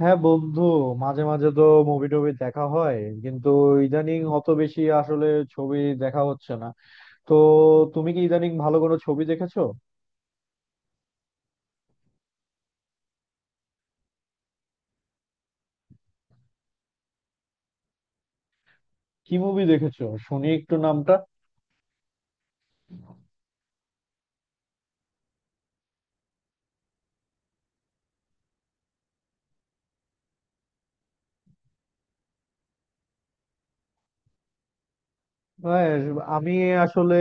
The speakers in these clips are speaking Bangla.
হ্যাঁ বন্ধু, মাঝে মাঝে তো মুভি টুভি দেখা হয়, কিন্তু ইদানিং অত বেশি আসলে ছবি দেখা হচ্ছে না। তো তুমি কি ইদানিং ভালো কোনো ছবি দেখেছো? কি মুভি দেখেছো শুনি একটু নামটা। হ্যাঁ, আমি আসলে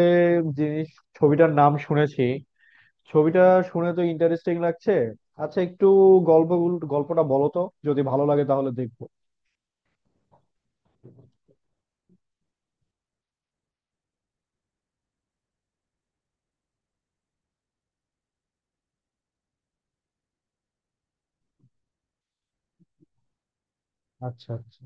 জিনিস ছবিটার নাম শুনেছি, ছবিটা শুনে তো ইন্টারেস্টিং লাগছে। আচ্ছা, একটু গল্প গল্পটা বলো তো, যদি ভালো লাগে তাহলে দেখবো। আচ্ছা আচ্ছা।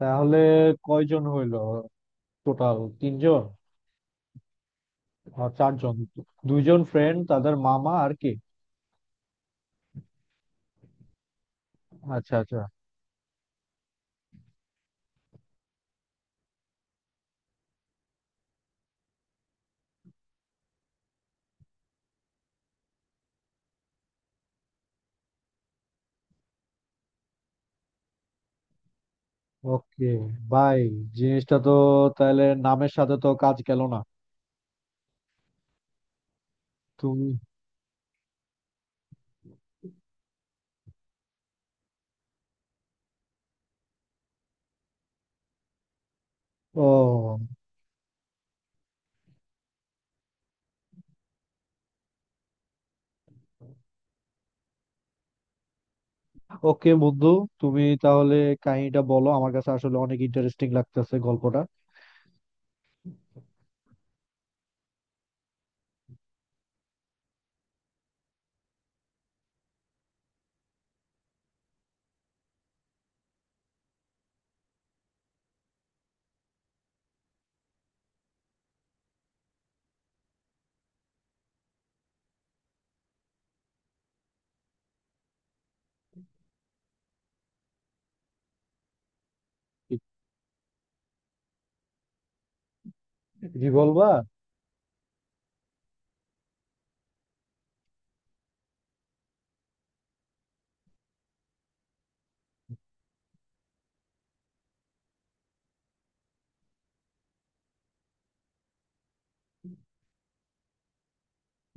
তাহলে কয়জন হইলো? টোটাল তিনজন? আর চারজন, দুইজন ফ্রেন্ড, তাদের মামা, আর কে? আচ্ছা আচ্ছা। ওকে, বাই। জিনিসটা তো তাহলে নামের সাথে তো কাজ গেল না। তুমি ও। ওকে বন্ধু, তুমি তাহলে কাহিনীটা বলো, আমার কাছে আসলে অনেক ইন্টারেস্টিং লাগতেছে গল্পটা। রিভলভার।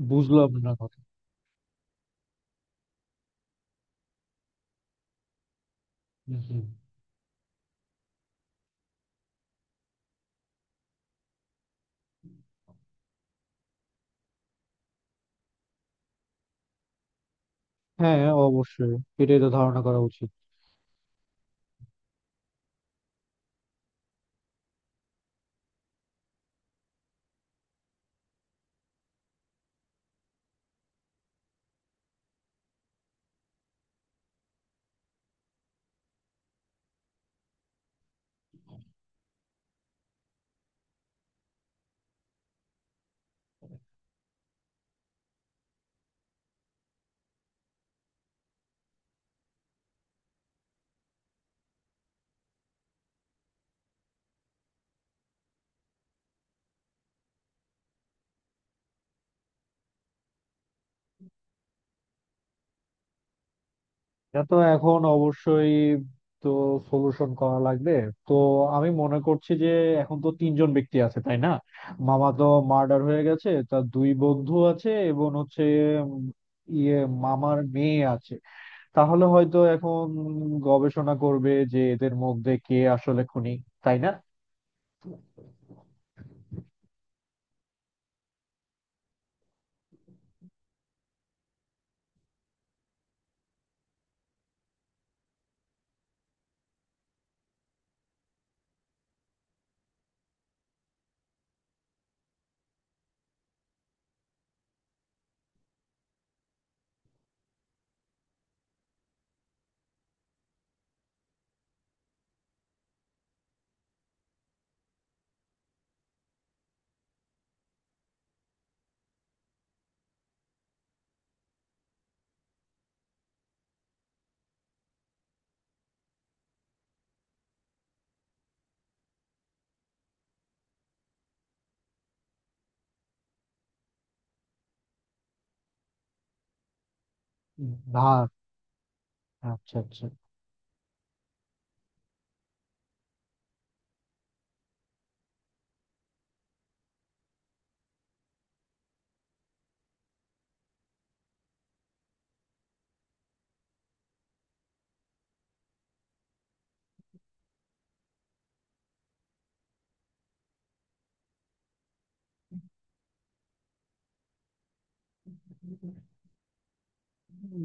বুঝলাম না কথা। হুম, হুম। হ্যাঁ, অবশ্যই, এটাই তো ধারণা করা উচিত। এটা তো এখন অবশ্যই তো সলিউশন করা লাগবে। তো আমি মনে করছি যে এখন তো তিনজন ব্যক্তি আছে, তাই না? মামা তো মার্ডার হয়ে গেছে, তার দুই বন্ধু আছে, এবং হচ্ছে উম, ইয়ে মামার মেয়ে আছে। তাহলে হয়তো এখন গবেষণা করবে যে এদের মধ্যে কে আসলে খুনি, তাই না? না। আচ্ছা আচ্ছা।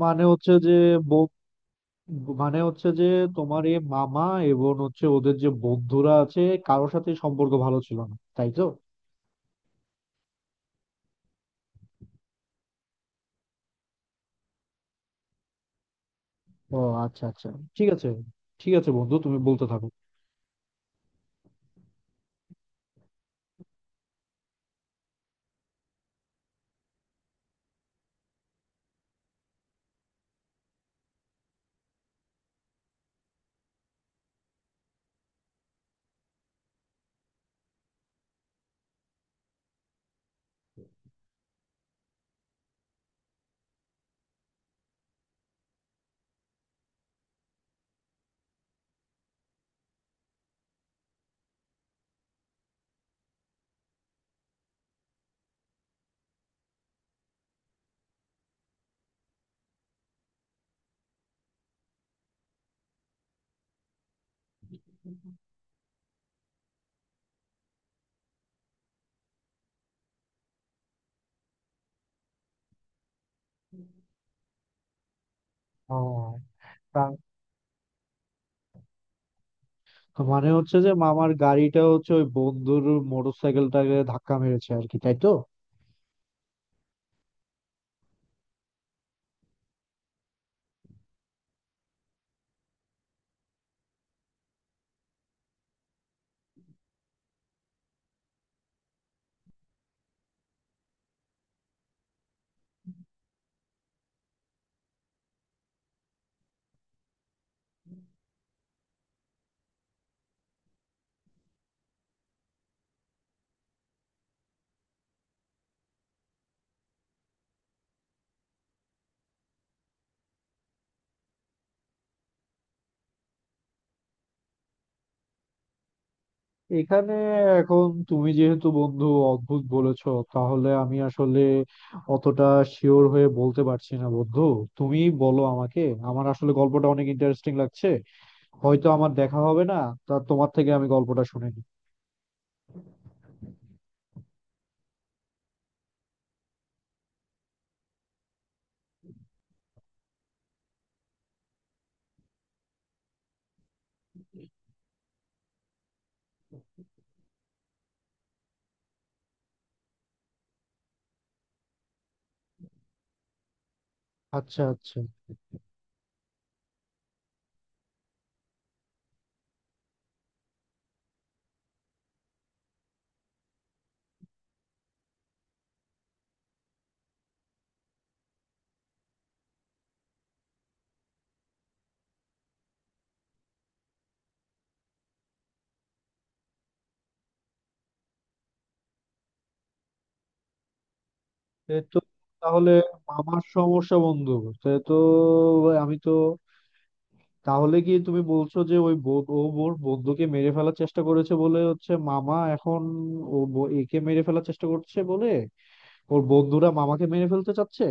মানে হচ্ছে যে, মানে হচ্ছে যে তোমার এই মামা এবং হচ্ছে ওদের যে বন্ধুরা আছে, কারোর সাথে সম্পর্ক ভালো ছিল না, তাই তো? ও, আচ্ছা আচ্ছা। ঠিক আছে, ঠিক আছে বন্ধু, তুমি বলতে থাকো। ও, তা তো। মানে হচ্ছে যে মামার গাড়িটা হচ্ছে ওই বন্ধুর মোটরসাইকেলটাকে ধাক্কা মেরেছে আর কি, তাই তো? এখানে এখন তুমি যেহেতু বন্ধু অদ্ভুত বলেছো, তাহলে আমি আসলে অতটা শিওর হয়ে বলতে পারছি না বন্ধু। তুমি বলো আমাকে, আমার আসলে গল্পটা অনেক ইন্টারেস্টিং লাগছে, হয়তো আমার দেখা হবে না, তা তোমার থেকে আমি গল্পটা শুনে নিই। আচ্ছা আচ্ছা। এ তো, তাহলে আমার সমস্যা বন্ধু। সে তো, আমি তো, তাহলে কি তুমি বলছো যে ও ওর বন্ধুকে মেরে ফেলার চেষ্টা করেছে বলে হচ্ছে মামা, এখন একে মেরে ফেলার চেষ্টা করছে বলে ওর বন্ধুরা মামাকে মেরে ফেলতে চাচ্ছে?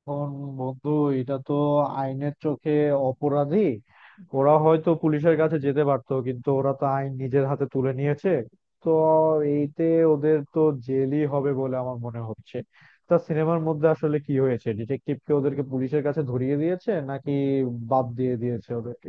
এখন বন্ধু, এটা তো আইনের চোখে অপরাধী। ওরা হয়তো পুলিশের কাছে যেতে পারতো, কিন্তু ওরা তো আইন নিজের হাতে তুলে নিয়েছে। তো এইতে ওদের তো জেলই হবে বলে আমার মনে হচ্ছে। তা সিনেমার মধ্যে আসলে কি হয়েছে, ডিটেকটিভ কে ওদেরকে পুলিশের কাছে ধরিয়ে দিয়েছে নাকি বাদ দিয়ে দিয়েছে ওদেরকে?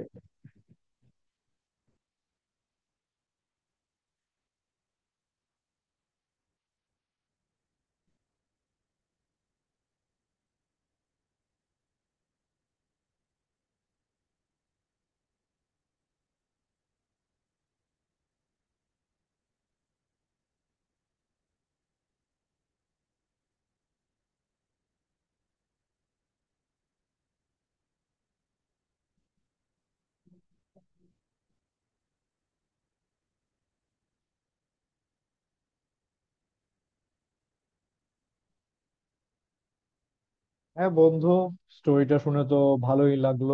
হ্যাঁ বন্ধু, স্টোরিটা শুনে তো ভালোই লাগলো।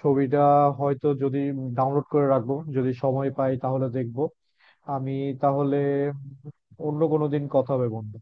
ছবিটা হয়তো, যদি ডাউনলোড করে রাখবো, যদি সময় পাই তাহলে দেখবো। আমি তাহলে অন্য কোনো দিন কথা হবে বন্ধু।